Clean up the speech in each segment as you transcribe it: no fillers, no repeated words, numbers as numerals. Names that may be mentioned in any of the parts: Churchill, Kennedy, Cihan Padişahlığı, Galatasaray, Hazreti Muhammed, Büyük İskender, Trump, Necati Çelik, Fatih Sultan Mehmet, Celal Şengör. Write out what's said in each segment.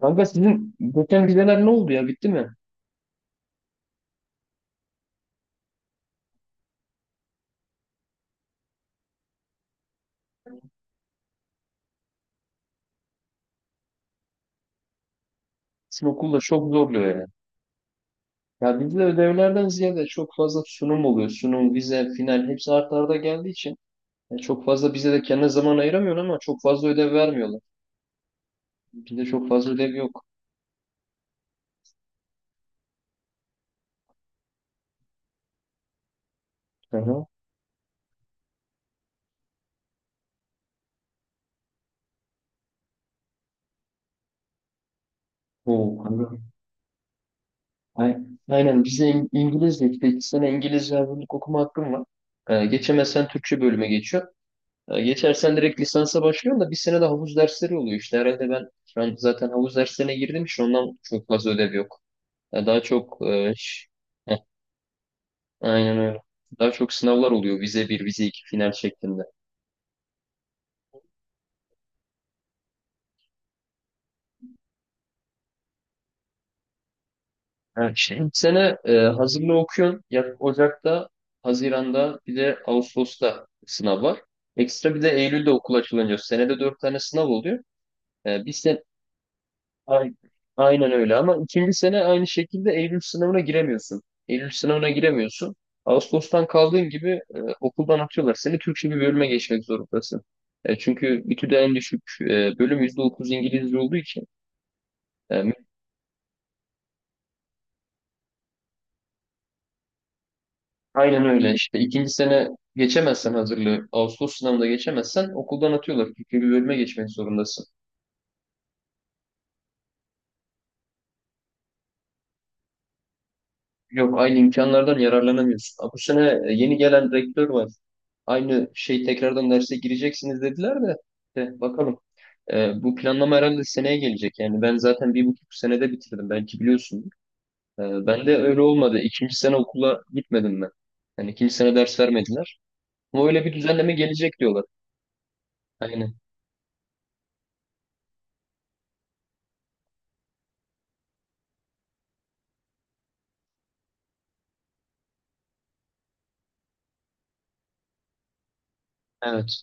Kanka sizin geçen vizeler ne oldu ya bitti mi? Sizin okulda çok zorluyor ya. Ya bizde ödevlerden ziyade çok fazla sunum oluyor. Sunum, vize, final hepsi art arda geldiği için ya çok fazla bize de kendine zaman ayıramıyorsun ama çok fazla ödev vermiyorlar. Bizde çok fazla ödev yok. Hı hı. Oo, kanka. Ay- Aynen bize İngilizce işte 2 sene İngilizce yazılık okuma hakkım var. Geçemezsen Türkçe bölüme geçiyor. Geçersen direkt lisansa başlıyorsun da bir sene de havuz dersleri oluyor işte. Herhalde ben şu an zaten havuz derslerine girdim işte ondan çok fazla ödev yok. Ya daha çok heh, aynen öyle. Daha çok sınavlar oluyor. Vize bir vize iki final şeklinde. Evet, işte. İlk sene hazırlığı okuyorsun. Ya Ocak'ta, Haziran'da bir de Ağustos'ta sınav var. Ekstra bir de Eylül'de okul açılınca senede 4 tane sınav oluyor. E, bir, sen, Aynen, aynen öyle ama ikinci sene aynı şekilde Eylül sınavına giremiyorsun. Eylül sınavına giremiyorsun. Ağustos'tan kaldığın gibi okuldan atıyorlar. Seni Türkçe bir bölüme geçmek zorundasın. Çünkü İTÜ'de en düşük bölüm %30 İngilizce olduğu için. e, aynen öyle işte ikinci sene geçemezsen hazırlığı, Ağustos sınavında geçemezsen okuldan atıyorlar. Türkçe bir bölüme geçmek zorundasın. Yok aynı imkanlardan yararlanamıyorsun. Ha, bu sene yeni gelen rektör var. Aynı şey tekrardan derse gireceksiniz dediler de. De bakalım. Bu planlama herhalde seneye gelecek. Yani ben zaten 1,5 senede bitirdim. Belki biliyorsun. Ben de öyle olmadı. İkinci sene okula gitmedim ben. Yani ikinci sene ders vermediler. Ama öyle bir düzenleme gelecek diyorlar. Aynen. Evet.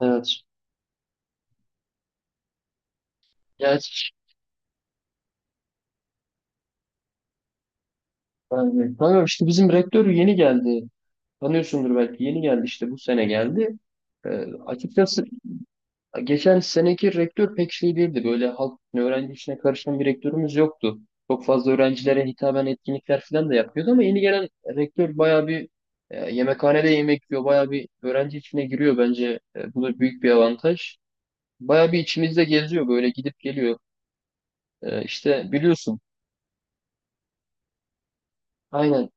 Evet. Ya, yani, tamam işte bizim rektör yeni geldi. Tanıyorsundur belki. Yeni geldi işte bu sene geldi. Ee, Açıkçası geçen seneki rektör pek şey değildi. Böyle halk öğrenci işine karışan bir rektörümüz yoktu. Çok fazla öğrencilere hitaben etkinlikler falan da yapıyordu ama yeni gelen rektör bayağı bir yemekhanede yemek yiyor. Bayağı bir öğrenci içine giriyor bence. Bu da büyük bir avantaj. Bayağı bir içimizde geziyor böyle gidip geliyor. İşte biliyorsun. Aynen.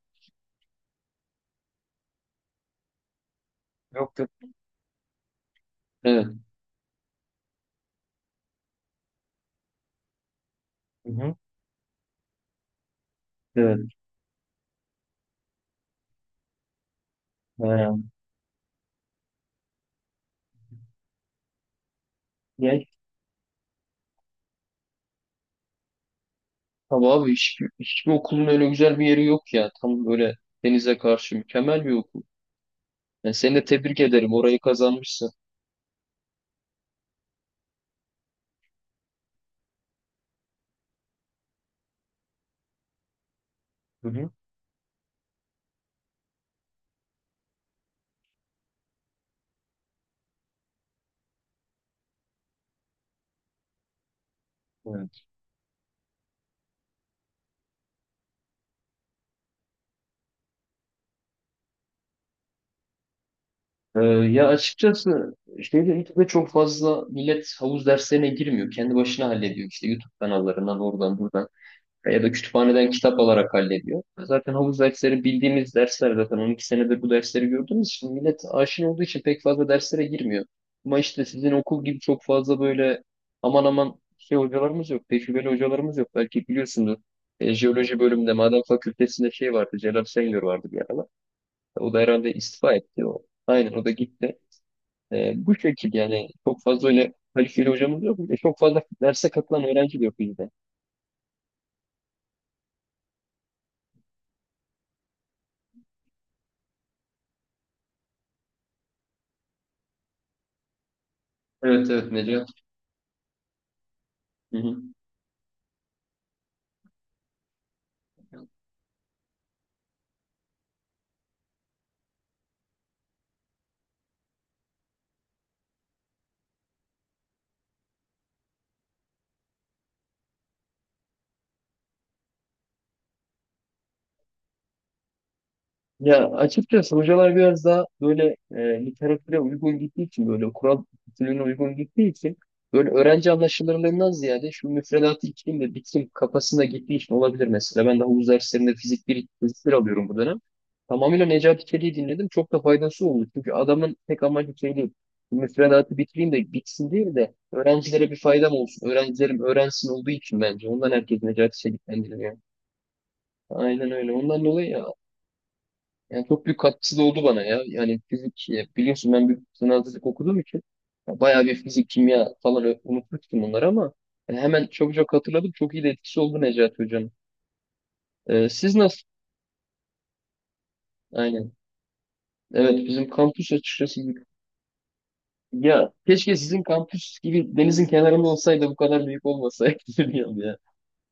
Yok yok. Evet. Hı hı. Evet. Ha. Yani, tabii abi hiçbir okulun öyle güzel bir yeri yok ya. Tam böyle denize karşı mükemmel bir okul. Yani seni de tebrik ederim. Orayı kazanmışsın. Hı hı. Evet. Ya açıkçası şeyde YouTube'da çok fazla millet havuz derslerine girmiyor. Kendi başına hallediyor. İşte YouTube kanallarından oradan buradan. Ya da kütüphaneden kitap alarak hallediyor. Zaten havuz dersleri bildiğimiz dersler zaten 12 senedir bu dersleri gördüğümüz için millet aşina olduğu için pek fazla derslere girmiyor. Ama işte sizin okul gibi çok fazla böyle aman aman şey hocalarımız yok, tecrübeli hocalarımız yok. Belki biliyorsunuz jeoloji bölümünde maden fakültesinde şey vardı, Celal Şengör vardı bir aralar. O da herhalde istifa etti. O. Aynen o da gitti. Bu şekilde yani çok fazla öyle kaliteli hocamız yok. Bir de çok fazla derse katılan öğrenci de yok bizde. Evet evet Necat. Hı hı. Ya açıkçası hocalar biraz daha böyle literatüre uygun gittiği için böyle Kur'an bütünlüğüne uygun gittiği için böyle öğrenci anlaşılırlığından ziyade şu müfredatı içeyim de bitsin kafasında gittiği için olabilir mesela. Ben de havuz derslerinde fizik bir alıyorum bu dönem. Tamamıyla Necati Çelik'i dinledim. Çok da faydası oldu. Çünkü adamın tek amacı şey değil. Müfredatı bitireyim de bitsin değil de öğrencilere bir faydam olsun. Öğrencilerim öğrensin olduğu için bence. Ondan herkes Necati Çelik'ten dinliyor. Aynen öyle. Ondan dolayı yani çok büyük katkısı da oldu bana ya. Yani fizik biliyorsun ben bir sınav fizik okuduğum için ya bayağı bir fizik, kimya falan unutmuştum bunları ama hemen çok çok hatırladım. Çok iyi de etkisi oldu Necati Hocam. Siz nasıl? Aynen. Evet bizim kampüs açıkçası ya keşke sizin kampüs gibi denizin kenarında olsaydı bu kadar büyük olmasaydı bilmiyorum ya.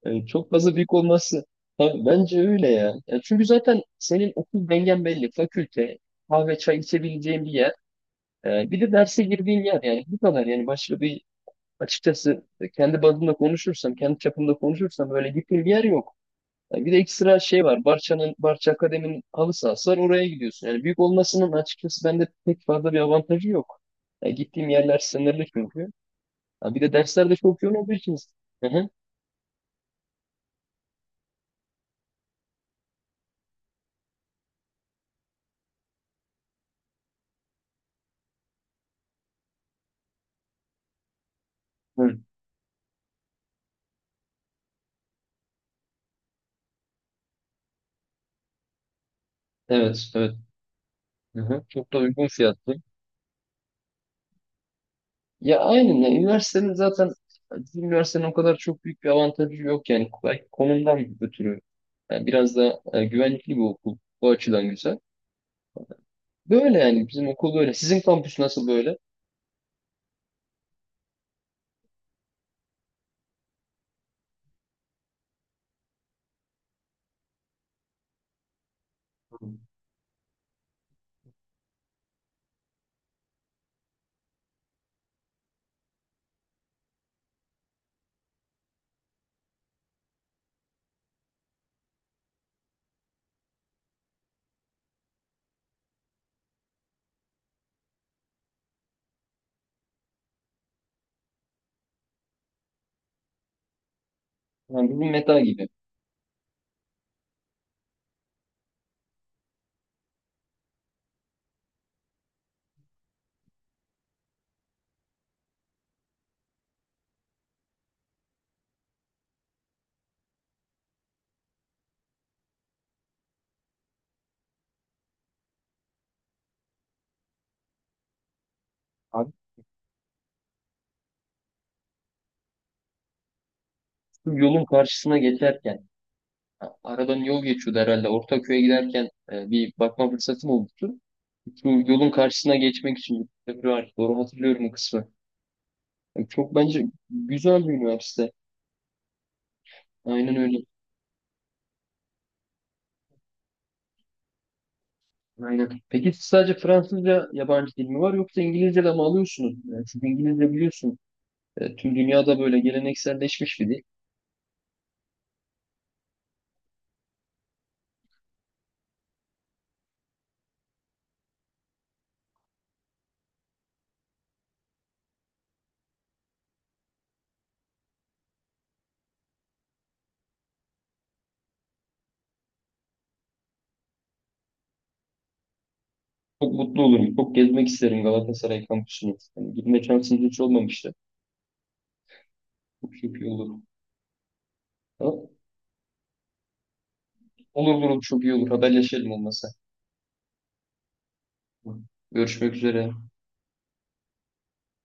Yani çok fazla büyük olması. Ha, bence öyle ya. Ya çünkü zaten senin okul dengen belli. Fakülte, kahve, çay içebileceğin bir yer. Bir de derse girdiğin yer yani bu kadar yani başka bir açıkçası kendi bazımda konuşursam, kendi çapımda konuşursam böyle gittiğim bir yer yok. Yani bir de ekstra şey var. Barça'nın, Barça Akademi'nin halı sahası var. Oraya gidiyorsun. Yani büyük olmasının açıkçası bende pek fazla bir avantajı yok. Yani gittiğim yerler sınırlı çünkü. Ha, bir de dersler de çok yoğun olduğu için. Hı hı. Hı. Evet, evet. Hı hı. Çok da uygun fiyatlı. Ya aynen ya. Üniversitenin zaten bizim üniversitenin o kadar çok büyük bir avantajı yok yani belki konumdan ötürü. Yani biraz da güvenlikli bir okul. Bu açıdan güzel. Böyle yani bizim okul böyle. Sizin kampüs nasıl böyle? Yani bizim meta gibi. Abi şu yolun karşısına geçerken ha, aradan yol geçiyordu herhalde. Ortaköy'e giderken bir bakma fırsatım olmuştu. Şu yolun karşısına geçmek için bir köprü var. Doğru hatırlıyorum o kısmı. Yani çok bence güzel bir üniversite. Aynen öyle. Aynen. Peki siz sadece Fransızca yabancı dil mi var yoksa İngilizce de mi alıyorsunuz? Yani çünkü İngilizce biliyorsun tüm dünyada böyle gelenekselleşmiş bir dil. Çok mutlu olurum. Çok gezmek isterim Galatasaray kampüsünü. Yani gitme şansımız hiç olmamıştı. Çok çok iyi olur. Tamam. Olur olur olur, çok iyi olur. Haberleşelim olmasa. Görüşmek üzere.